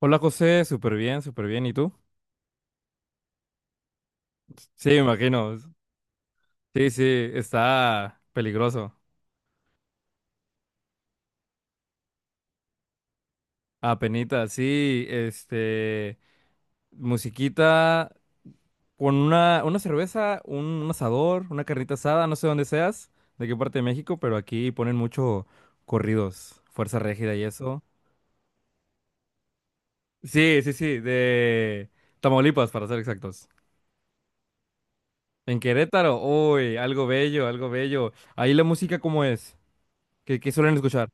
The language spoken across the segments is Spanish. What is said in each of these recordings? Hola José, súper bien, súper bien. ¿Y tú? Sí, me imagino. Sí, sí, está peligroso. Apenita, sí, musiquita con una cerveza, un asador, una carnita asada, no sé dónde seas, de qué parte de México, pero aquí ponen mucho corridos, Fuerza Régida y eso. Sí, sí, sí, de Tamaulipas, para ser exactos. En Querétaro, uy, algo bello, algo bello. Ahí la música, ¿cómo es? ¿Qué suelen escuchar?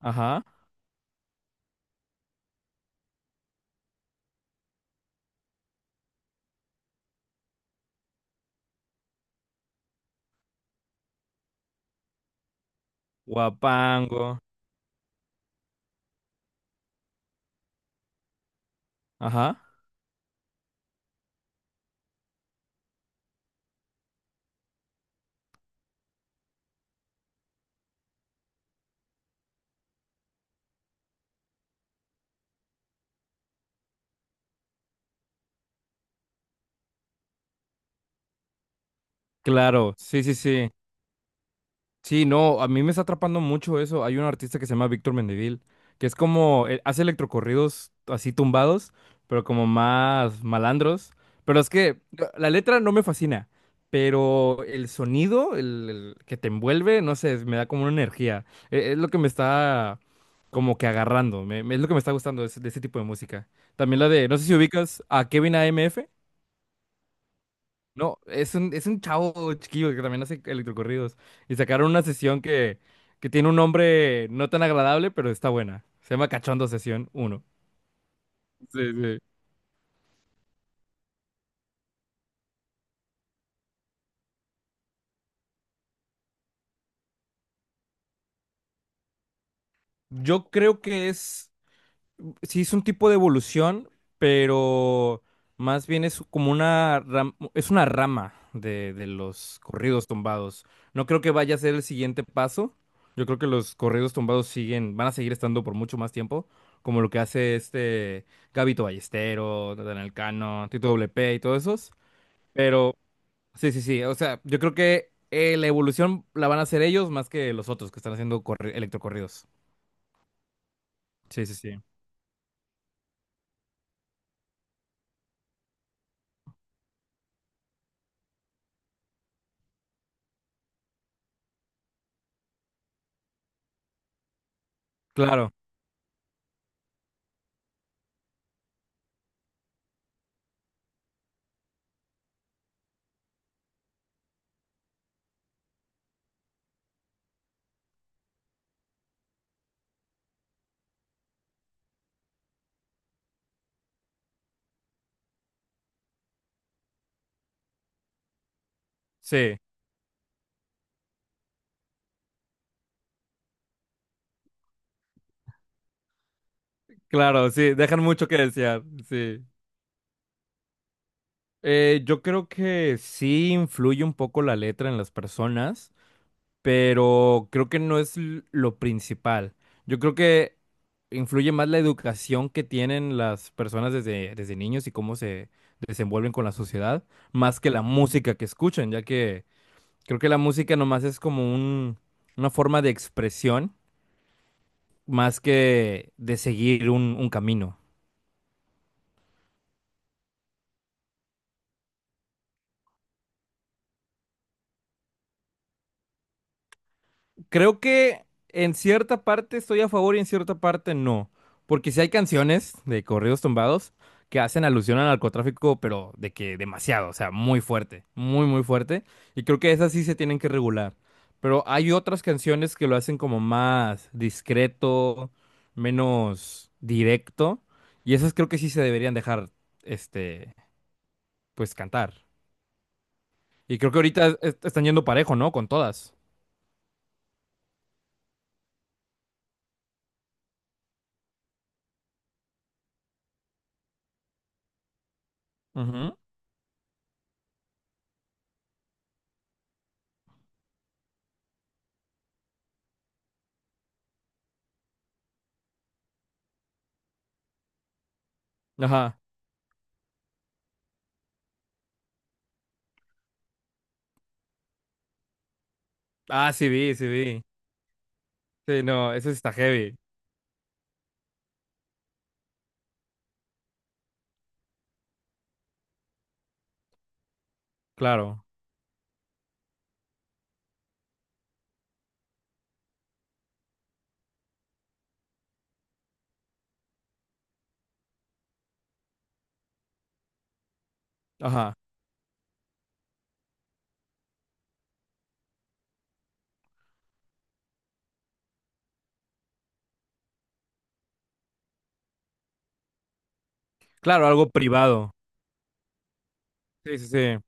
Ajá. Guapango. Ajá. Claro, sí, sí, sí. Sí, no, a mí me está atrapando mucho eso. Hay un artista que se llama Víctor Mendivil, que es como, hace electrocorridos así tumbados, pero como más malandros. Pero es que la letra no me fascina, pero el sonido, el que te envuelve, no sé, me da como una energía. Es, lo que me está como que agarrando, es lo que me está gustando de de ese tipo de música. También la de, no sé si ubicas a Kevin AMF. No, es un chavo chiquillo que también hace electrocorridos. Y sacaron una que tiene un nombre no tan agradable, pero está buena. Se llama Cachondo Sesión uno. Sí, sí. Yo creo que es. Sí es un tipo de evolución, pero más bien es como una es una rama de los corridos tumbados. No creo que vaya a ser el siguiente paso. Yo creo que los corridos tumbados siguen, van a seguir estando por mucho más tiempo, como lo que hace este Gabito Ballesteros, Natanael Cano, Tito WP y todos esos. Pero sí, sí, sí. O sea, yo creo que la evolución la van a hacer ellos más que los otros que están haciendo electrocorridos. Sí, sí, sí. Claro, sí. Claro, sí, dejan mucho que desear, sí. Yo creo que sí influye un poco la letra en las personas, pero creo que no es lo principal. Yo creo que influye más la educación que tienen las personas desde niños y cómo se desenvuelven con la sociedad, más que la música que escuchan, ya que creo que la música nomás es como un, una forma de expresión, más que de seguir un camino. Creo que en cierta parte estoy a favor y en cierta parte no. Porque si hay canciones de corridos tumbados que hacen alusión al narcotráfico, pero de que demasiado, o sea, muy fuerte, muy, muy fuerte. Y creo que esas sí se tienen que regular. Pero hay otras canciones que lo hacen como más discreto, menos directo. Y esas creo que sí se deberían dejar, este, pues cantar. Y creo que ahorita están yendo parejo, ¿no? Con todas. Ujú. Ajá. Ah, sí vi, sí vi. Sí, no, eso está heavy, claro. Ajá. Claro, algo privado. Sí, sí, sí.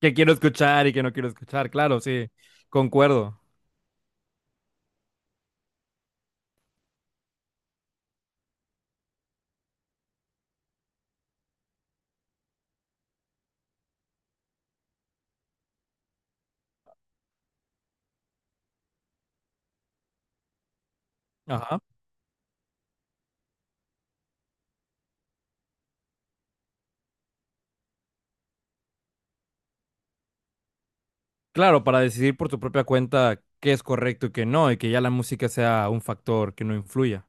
Que quiero escuchar y que no quiero escuchar, claro, sí. Concuerdo. Ajá. Claro, para decidir por tu propia cuenta qué es correcto y qué no, y que ya la música sea un factor que no influya.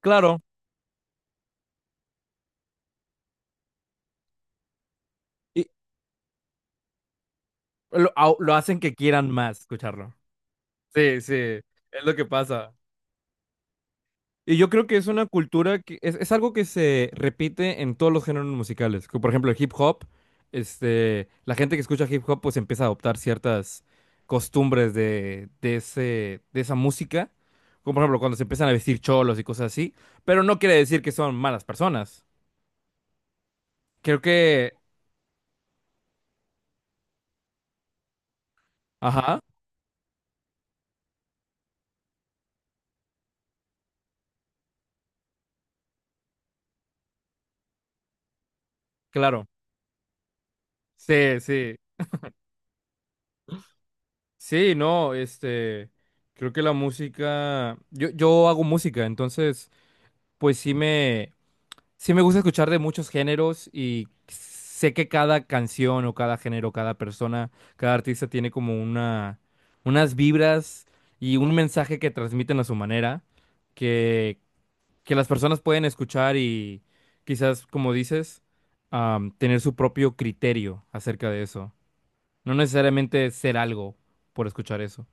Claro, y lo, lo hacen que quieran más escucharlo. Sí, sí, es lo que pasa. Y yo creo que es una cultura que es algo que se repite en todos los géneros musicales, como por ejemplo, el hip hop, la gente que escucha hip hop pues empieza a adoptar ciertas costumbres de ese, de esa música. Como por ejemplo cuando se empiezan a vestir cholos y cosas así. Pero no quiere decir que son malas personas. Creo que, ajá, claro. Sí, sí. Sí, no, creo que la música, yo hago música, entonces pues sí me, sí, me gusta escuchar de muchos géneros y sé que cada canción o cada género, cada persona, cada artista tiene como una, unas vibras y un mensaje que transmiten a su manera, que, que las personas pueden escuchar y quizás, como dices, tener su propio criterio acerca de eso. No necesariamente ser algo por escuchar eso.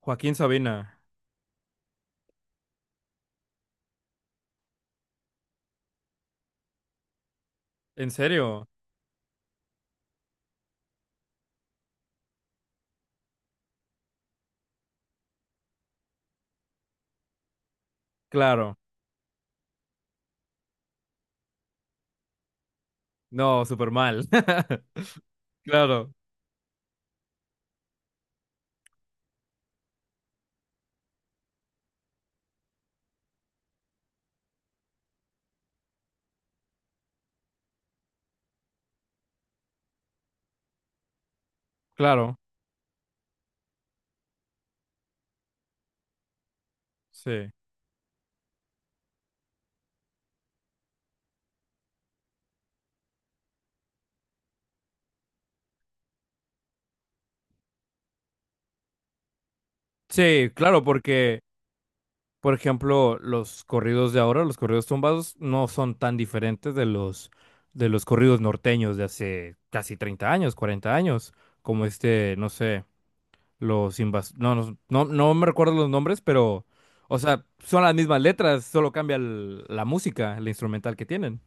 Joaquín Sabina, ¿en serio? Claro, no, súper mal. Claro, claro, sí. Sí, claro, porque, por ejemplo, los corridos de ahora, los corridos tumbados, no son tan diferentes de los corridos norteños de hace casi 30 años, 40 años, como este, no sé, no, no, no, no me recuerdo los nombres, pero, o sea, son las mismas letras, solo cambia la música, la instrumental que tienen.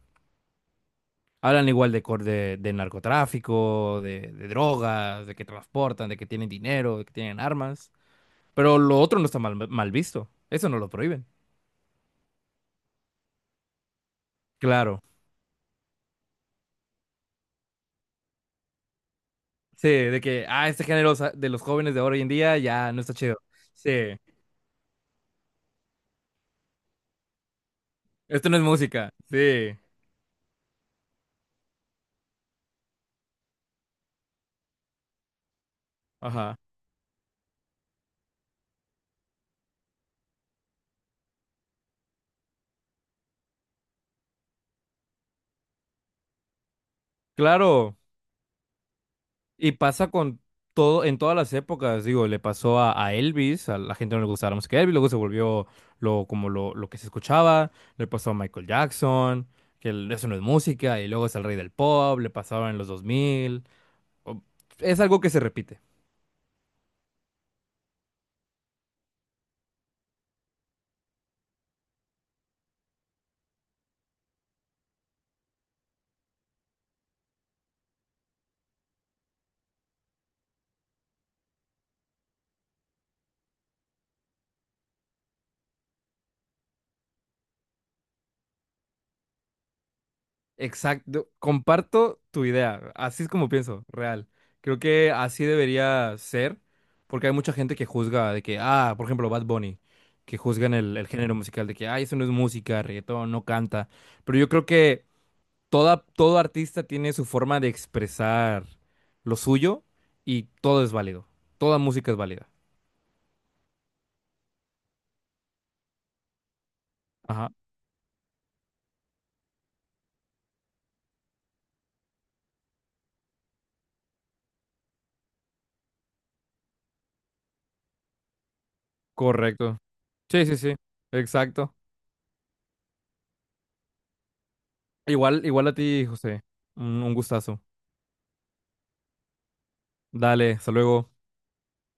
Hablan igual de, de narcotráfico, de drogas, de que transportan, de que tienen dinero, de que tienen armas. Pero lo otro no está mal, mal visto. Eso no lo prohíben. Claro, sí, de que, ah, este género de los jóvenes de ahora hoy en día ya no está chido. Sí, esto no es música. Sí, ajá. Claro, y pasa con todo, en todas las épocas, digo, le pasó a Elvis, a la gente no le gustaba la música de Elvis, luego se volvió lo, como lo que se escuchaba, le pasó a Michael Jackson, que eso no es música, y luego es el rey del pop, le pasaba en los 2000. o- Es algo que se repite. Exacto, comparto tu idea, así es como pienso, real. Creo que así debería ser, porque hay mucha gente que juzga de que, ah, por ejemplo, Bad Bunny, que juzgan el género musical de que, ay, eso no es música, reggaetón, no canta. Pero yo creo que toda, todo artista tiene su forma de expresar lo suyo y todo es válido, toda música es válida. Ajá, correcto. Sí, sí, sí, exacto. Igual, igual a ti, José, un gustazo. Dale, hasta luego.